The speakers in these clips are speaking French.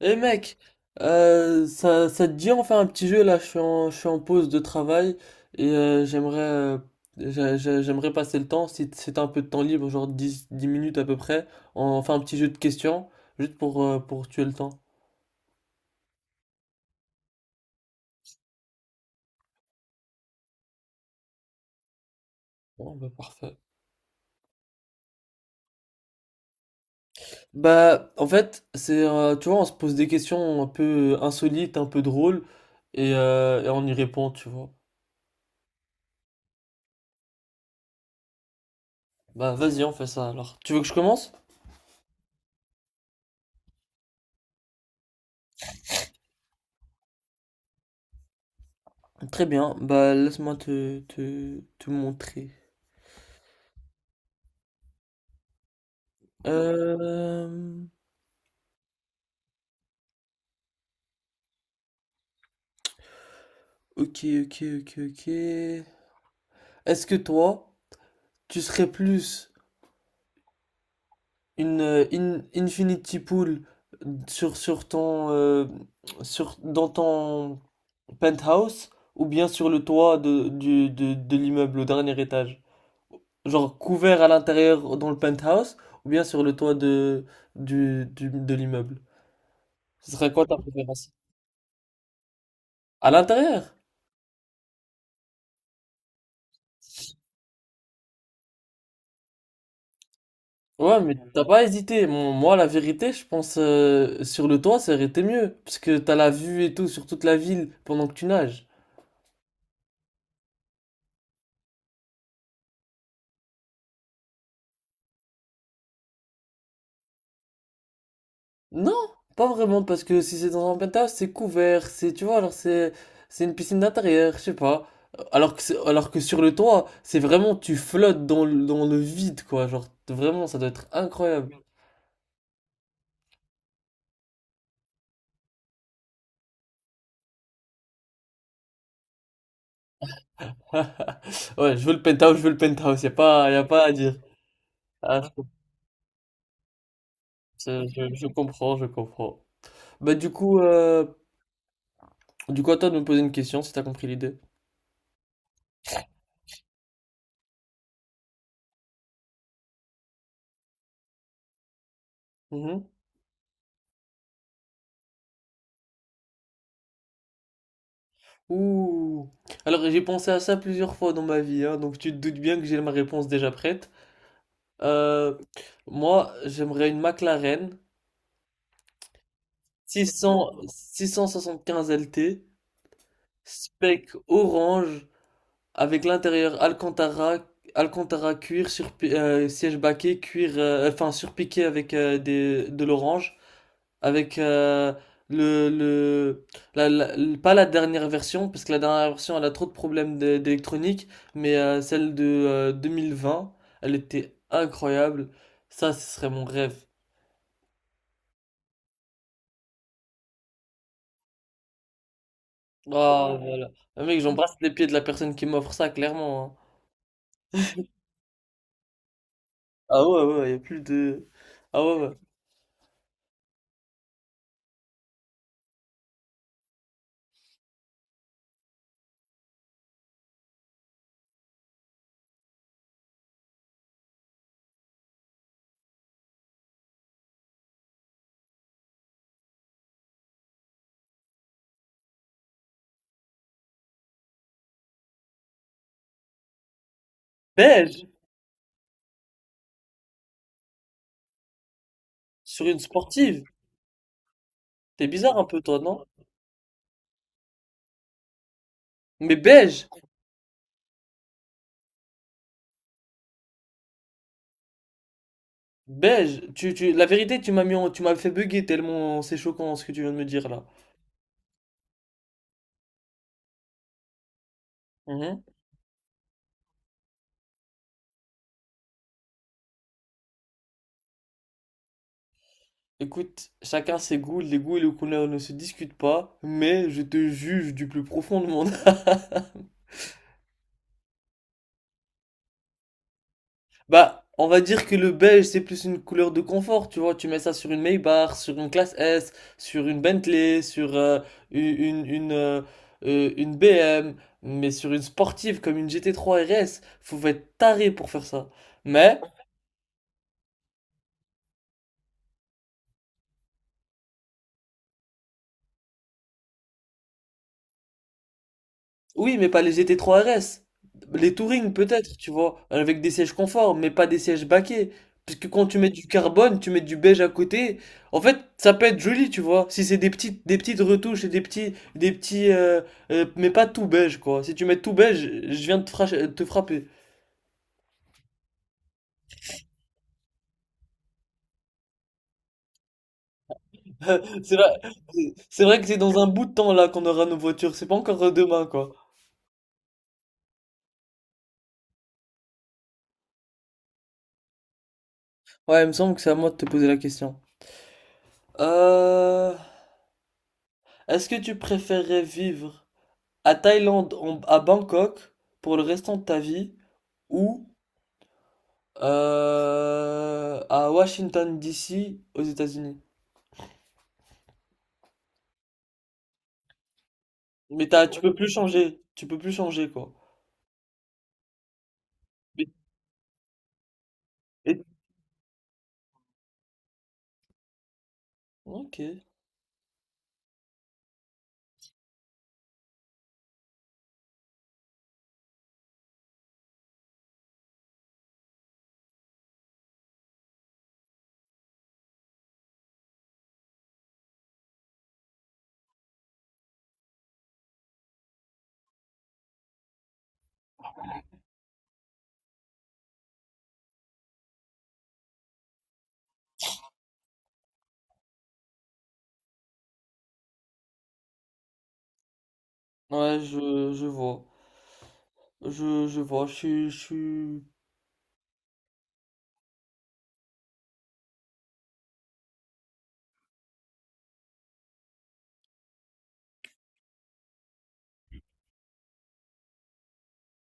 Eh mec, ça, ça te dit on fait un petit jeu là, je suis en pause de travail et j'aimerais j'aimerais passer le temps, si t'as un peu de temps libre, genre 10 10 minutes à peu près, on fait un petit jeu de questions, juste pour tuer le temps. Bon, bah parfait. Bah en fait, c'est tu vois, on se pose des questions un peu insolites, un peu drôles et on y répond, tu vois. Bah vas-y, on fait ça alors. Tu veux que je commence? Très bien, bah laisse-moi te montrer. Euh, ok, ok. Est-ce que toi, tu serais plus une Infinity Pool sur ton, dans ton penthouse ou bien sur le toit de l'immeuble au dernier étage? Genre couvert à l'intérieur dans le penthouse ou bien sur le toit de l'immeuble? Ce serait quoi ta préférence? À l'intérieur? Ouais, mais t'as pas hésité. Moi, la vérité, je pense sur le toit, ça aurait été mieux. Parce que t'as la vue et tout sur toute la ville pendant que tu nages. Non, pas vraiment, parce que si c'est dans un penthouse, c'est couvert, c'est, tu vois, c'est une piscine d'intérieur, je sais pas. Alors que sur le toit, c'est vraiment, tu flottes dans dans le vide, quoi. Genre, vraiment, ça doit être incroyable. Ouais, je veux le penthouse, je veux le penthouse, y a pas à dire. Ah, je comprends, je comprends. Bah, du coup, à toi de me poser une question si t'as compris l'idée. Mhm. Ouh. Alors, j'ai pensé à ça plusieurs fois dans ma vie, hein, donc tu te doutes bien que j'ai ma réponse déjà prête. Euh, Moi, j'aimerais une McLaren 600, 675 LT, spec orange, avec l'intérieur Alcantara, Alcantara cuir, sur, siège baquet, cuir, enfin surpiqué avec de l'orange, avec le, la- la- le- pas la dernière version, parce que la dernière version elle a trop de d'électronique, mais celle de 2020 elle était incroyable. Ça, ce serait mon rêve. Ah, voilà. Ah, mec, j'embrasse les pieds de la personne qui m'offre ça, clairement, hein. Ah ouais, ouais, y a plus de. Ah ouais, ouais. Beige, sur une sportive. T'es bizarre un peu, toi, non? Mais beige, beige. Tu... La vérité, tu m'as fait bugger tellement c'est choquant ce que tu viens de me dire là. Mhm. Écoute, chacun ses goûts, les goûts et les couleurs ne se discutent pas, mais je te juge du plus profond de mon âme. Bah, on va dire que le beige, c'est plus une couleur de confort, tu vois, tu mets ça sur une Maybach, sur une classe S, sur une Bentley, sur une, une, une, euh, une BM, mais sur une sportive comme une GT3 RS, faut être taré pour faire ça. Mais oui, mais pas les GT3 RS. Les Touring peut-être, tu vois, avec des sièges confort, mais pas des sièges baquets. Parce que quand tu mets du carbone, tu mets du beige à côté. En fait, ça peut être joli, tu vois. Si c'est des petites retouches et des petits, mais pas tout beige, quoi. Si tu mets tout beige, je viens de te frapper. C'est vrai, c'est vrai que c'est dans un bout de temps là qu'on aura nos voitures. C'est pas encore demain, quoi. Ouais, il me semble que c'est à moi de te poser la question. Euh, Est-ce que tu préférerais vivre à Bangkok pour le restant de ta vie ou à Washington DC aux États-Unis. Mais t'as, tu peux plus changer, tu peux plus changer quoi. Mais- et- ok, ouais, je vois, je suis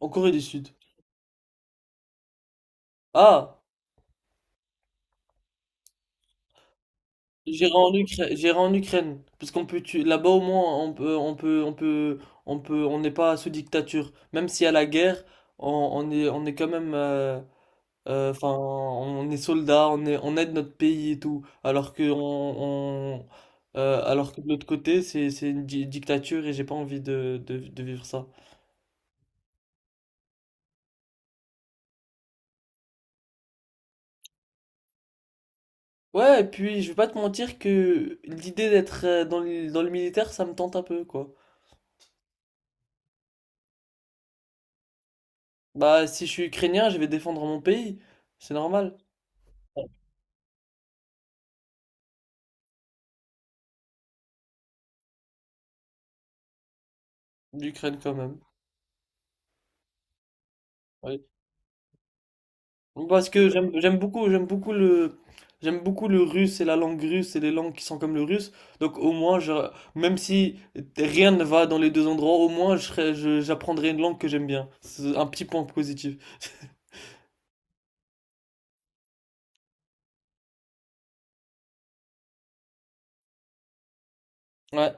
en Corée du Sud. Ah, j'irai en Ukraine parce qu'on peut là-bas au moins on peut, on n'est pas sous dictature, même s'il y a la guerre, on est quand même, enfin, on est soldats, on est, on aide notre pays et tout. Alors que de l'autre côté, c'est une dictature et j'ai pas envie de vivre ça. Ouais, et puis je vais pas te mentir que l'idée d'être dans le militaire, ça me tente un peu, quoi. Bah, si je suis ukrainien, je vais défendre mon pays. C'est normal. Ouais, l'Ukraine quand même. Parce que j'aime beaucoup le russe et la langue russe et les langues qui sont comme le russe. Donc au moins même si rien ne va dans les deux endroits, au moins j'apprendrai une langue que j'aime bien. C'est un petit point positif. Ouais.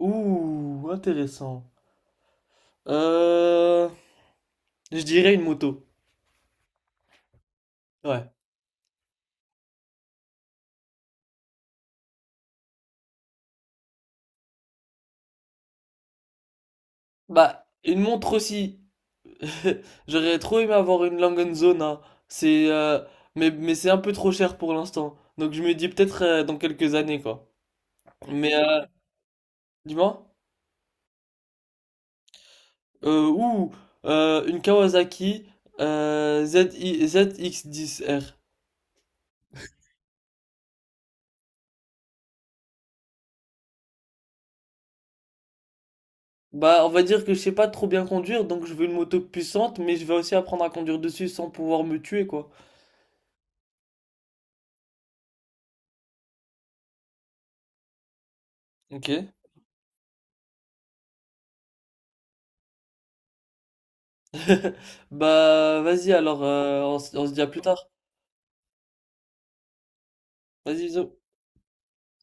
Ouh, intéressant. Euh, je dirais une moto. Ouais. Bah, une montre aussi. J'aurais trop aimé avoir une Langenzona. C'est mais c'est un peu trop cher pour l'instant. Donc je me dis peut-être dans quelques années quoi. Mais euh, Dis-moi. Euh, ouh, une Kawasaki ZI ZX10R. Bah, on va dire que je sais pas trop bien conduire, donc je veux une moto puissante, mais je vais aussi apprendre à conduire dessus sans pouvoir me tuer, quoi. Ok. Bah, vas-y alors, on, on se dit à plus tard. Vas-y, bisous.